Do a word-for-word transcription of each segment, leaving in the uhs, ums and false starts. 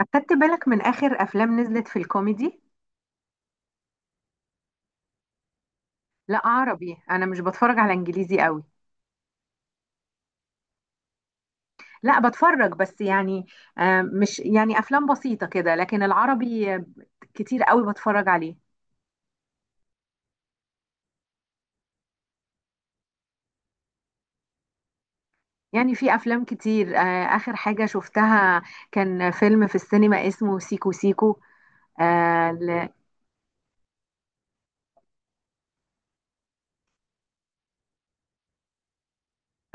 أخدت بالك من آخر أفلام نزلت في الكوميدي؟ لا، عربي، أنا مش بتفرج على إنجليزي قوي. لا، بتفرج بس يعني آه، مش يعني أفلام بسيطة كده، لكن العربي آه، كتير قوي بتفرج عليه. يعني في أفلام كتير، آه، آخر حاجة شفتها كان فيلم في السينما اسمه سيكو سيكو. آه ل-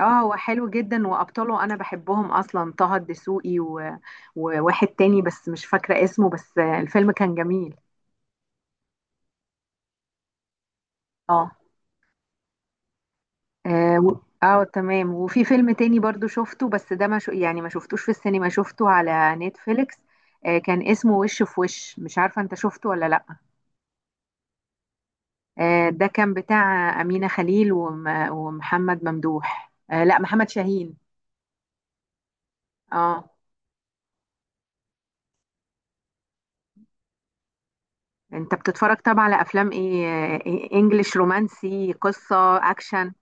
آه، هو حلو جدا، وأبطاله أنا بحبهم أصلا، طه الدسوقي و- وواحد تاني بس مش فاكرة اسمه، بس آه، الفيلم كان جميل. آه اه و- آه، تمام. وفي فيلم تاني برضو شفته، بس ده ما شو يعني ما شفتوش في السينما، شفته على نتفليكس. آه كان اسمه وش في وش، مش عارفة انت شفته ولا لا. آه، ده كان بتاع أمينة خليل وم- ومحمد ممدوح، آه لا، محمد شاهين. اه، انت بتتفرج طبعا على افلام ايه؟ آه، إيه، انجليش، رومانسي، قصة، اكشن.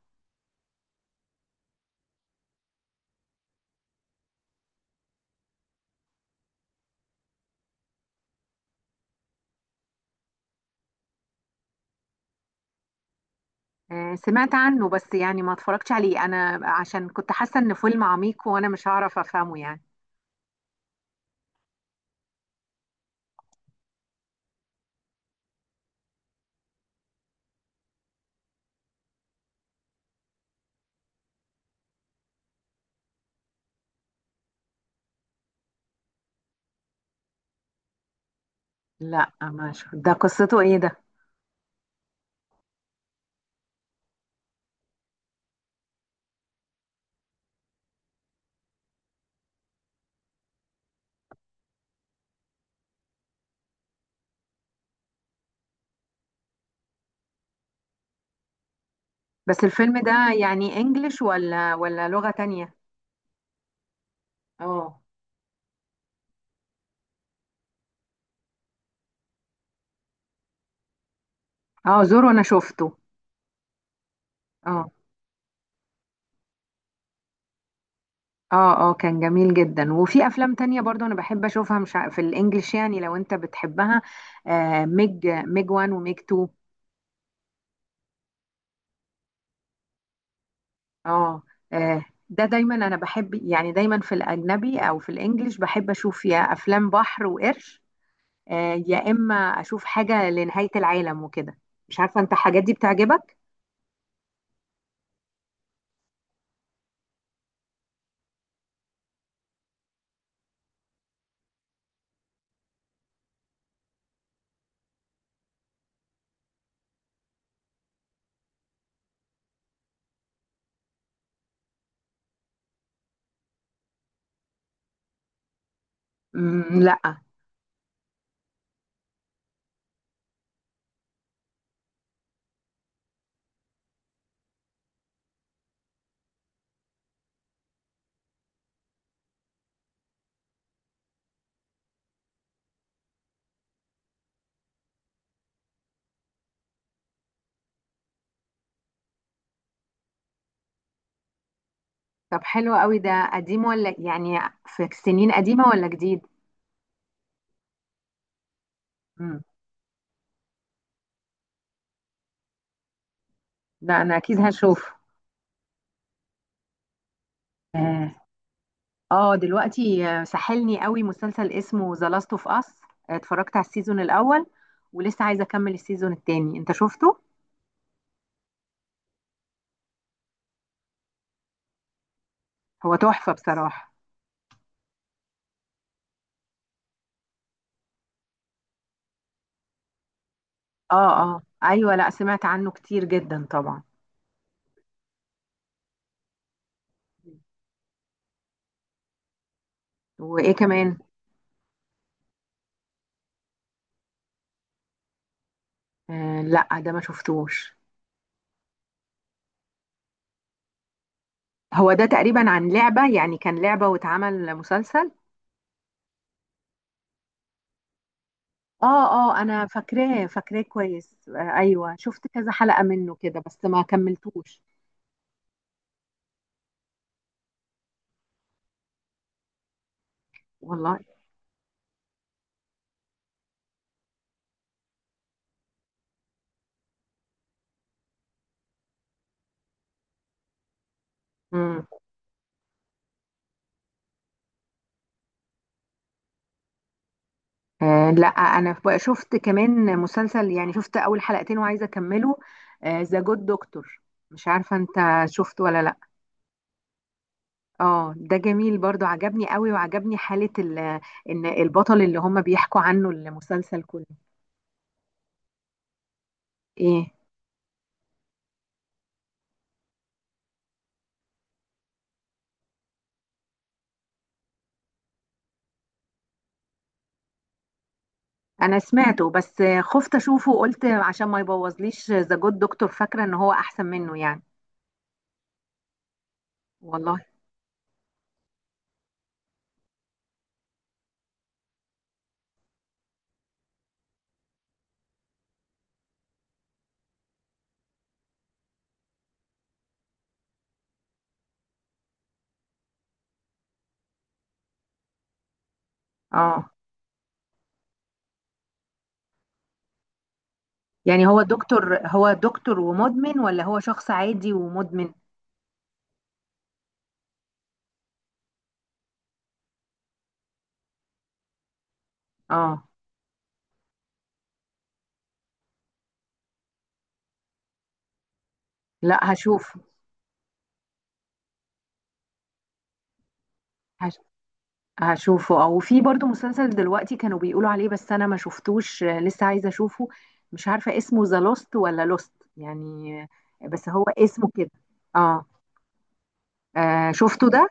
آه، سمعت عنه، بس يعني ما اتفرجتش عليه انا عشان كنت حاسة ان فيلم عميق، وانا مش هعرف افهمه يعني. لا، ما شف- ده قصته ايه؟ ده بس الفيلم ده يعني انجليش ولا ولا لغة تانية؟ اه. اه، زورو انا شفته. اه، اه، اه، كان جميل جدا. وفي افلام تانية برضو انا بحب اشوفها، مش ع- في الانجليش يعني لو انت بتحبها. آه ميج، ميج وان، وميج تو. اه، آه، ده دايما انا بحب، يعني دايما في الاجنبي او في الانجليش بحب اشوف يا افلام بحر وقرش، آه يا اما اشوف حاجة لنهاية العالم وكده. مش عارفة انت الحاجات دي بتعجبك؟ مم، لا. طب حلو قوي، ده قديم ولا يعني في سنين قديمة ولا جديد؟ مم. لا، انا اكيد هشوف. اه. آه، دلوقتي آه، سحلني قوي مسلسل اسمه ذا لاست اوف اس. اتفرجت على السيزون الاول، ولسه عايزة اكمل السيزون التاني، انت شفته؟ هو تحفة بصراحة. اه. اه، ايوه. لا، سمعت عنه كتير جدا طبعا. وايه كمان؟ آه، لا، ده ما شفتوش. هو ده تقريبا عن لعبة، يعني كان لعبة واتعمل مسلسل. اه. اه، انا فاكراه فاكراه كويس. آه ايوه، شفت كذا حلقة منه كده بس ما كملتوش. والله. امم. آه لا، انا ف- شفت كمان مسلسل، يعني شفت اول حلقتين وعايزة اكمله، ذا جود دكتور. مش عارفة انت شفته ولا لا. اه، ده جميل برضو، عجبني قوي، وعجبني حالة ال ان البطل اللي هم بيحكوا عنه المسلسل كله. ايه؟ انا سمعته، بس آه، خفت اشوفه وقلت عشان ما يبوظليش ذا جود دكتور. فاكرة ان هو احسن منه يعني. والله. اه. يعني هو دكتور هو دكتور ومدمن ولا هو شخص عادي ومدمن؟ اه. لا، هشوف. هش... هشوفه. او في برضو مسلسل دلوقتي كانوا بيقولوا عليه، بس انا ما شفتوش، آه، لسه عايزه اشوفه. مش عارفه اسمه ذا لوست ولا لوست يعني، آه، بس هو اسمه كده. اه، آه، شفته ده.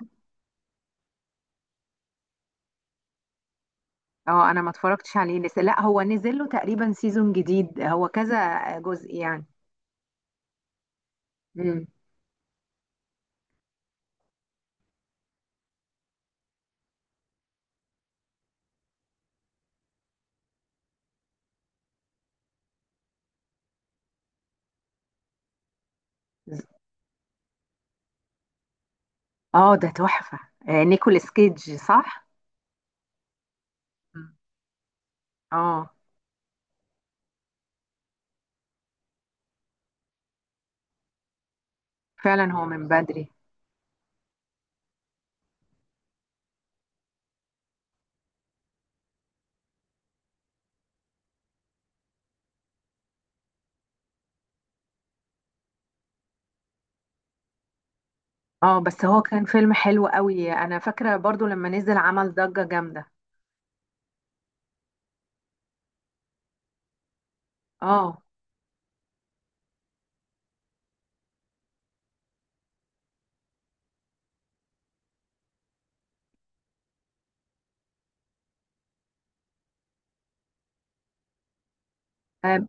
اه، انا ما اتفرجتش عليه لسه. لا، هو نزل له تقريبا سيزون جديد، هو كذا جزء يعني. مم. اه، ده تحفه. آه، نيكولاس كيدج، صح؟ مم. اه، فعلا هو من بدري. اه، بس هو كان فيلم حلو قوي. انا فاكره برضو لما نزل عمل ضجه جامده. اه، آه،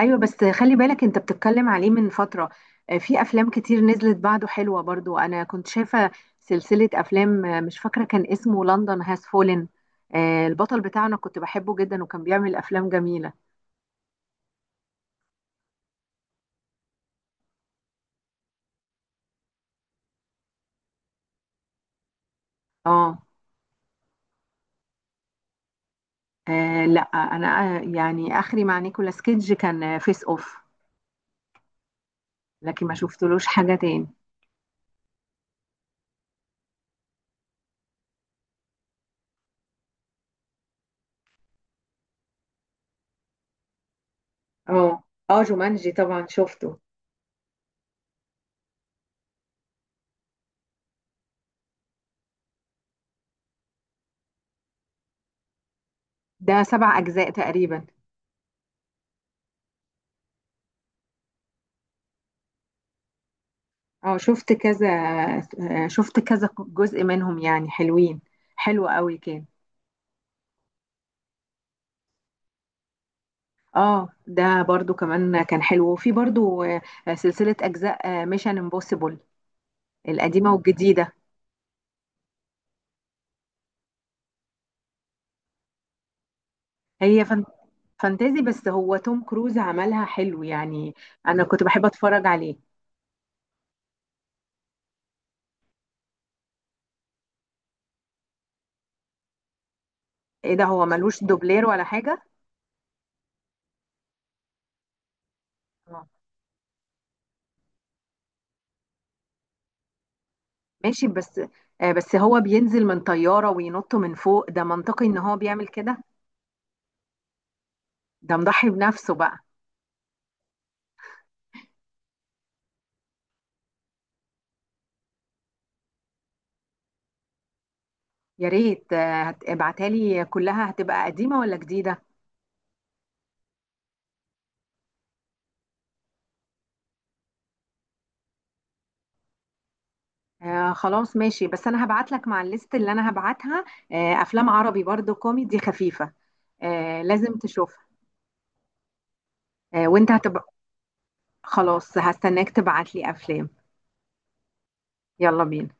ايوه بس خلي بالك انت بتتكلم عليه من فتره. آه، في افلام كتير نزلت بعده حلوه برضو، انا كنت شايفه سلسله افلام، آه، مش فاكره كان اسمه لندن هاز فولن. البطل بتاعنا كنت بحبه جدا وكان بيعمل افلام جميله. اه، آه، لا، انا آه، يعني اخري مع نيكولاس كيدج كان فيس اوف. لكن ما شفتلوش حاجه تاني. اه. اه، جومانجي طبعا شفته. ده سبع أجزاء تقريبا. اه، شفت كذا. آه، شفت كذا جزء منهم يعني حلوين. حلو قوي كان. اه، ده برضو كمان كان حلو. وفي برضو آه، سلسلة أجزاء ميشن امبوسيبل القديمة والجديدة. هي فان- فانتازي، بس هو توم كروز عملها حلو يعني. أنا كنت بحب أتفرج عليه. ايه ده، هو ملوش دوبلير ولا حاجة؟ آه. ماشي بس. آه، بس هو بينزل من طيارة وينط من فوق، ده منطقي إن هو بيعمل كده. ده مضحي بنفسه بقى. يا ريت، آه، هت- ابعتها لي كلها، هتبقى قديمة ولا جديدة؟ آه خلاص ماشي، بس انا هبعت لك مع الليست اللي انا هبعتها آه افلام عربي برضو كوميدي خفيفة، آه لازم تشوفها. آه وانت هتبقى... خلاص، هستناك تبعت لي افلام. يلا بينا.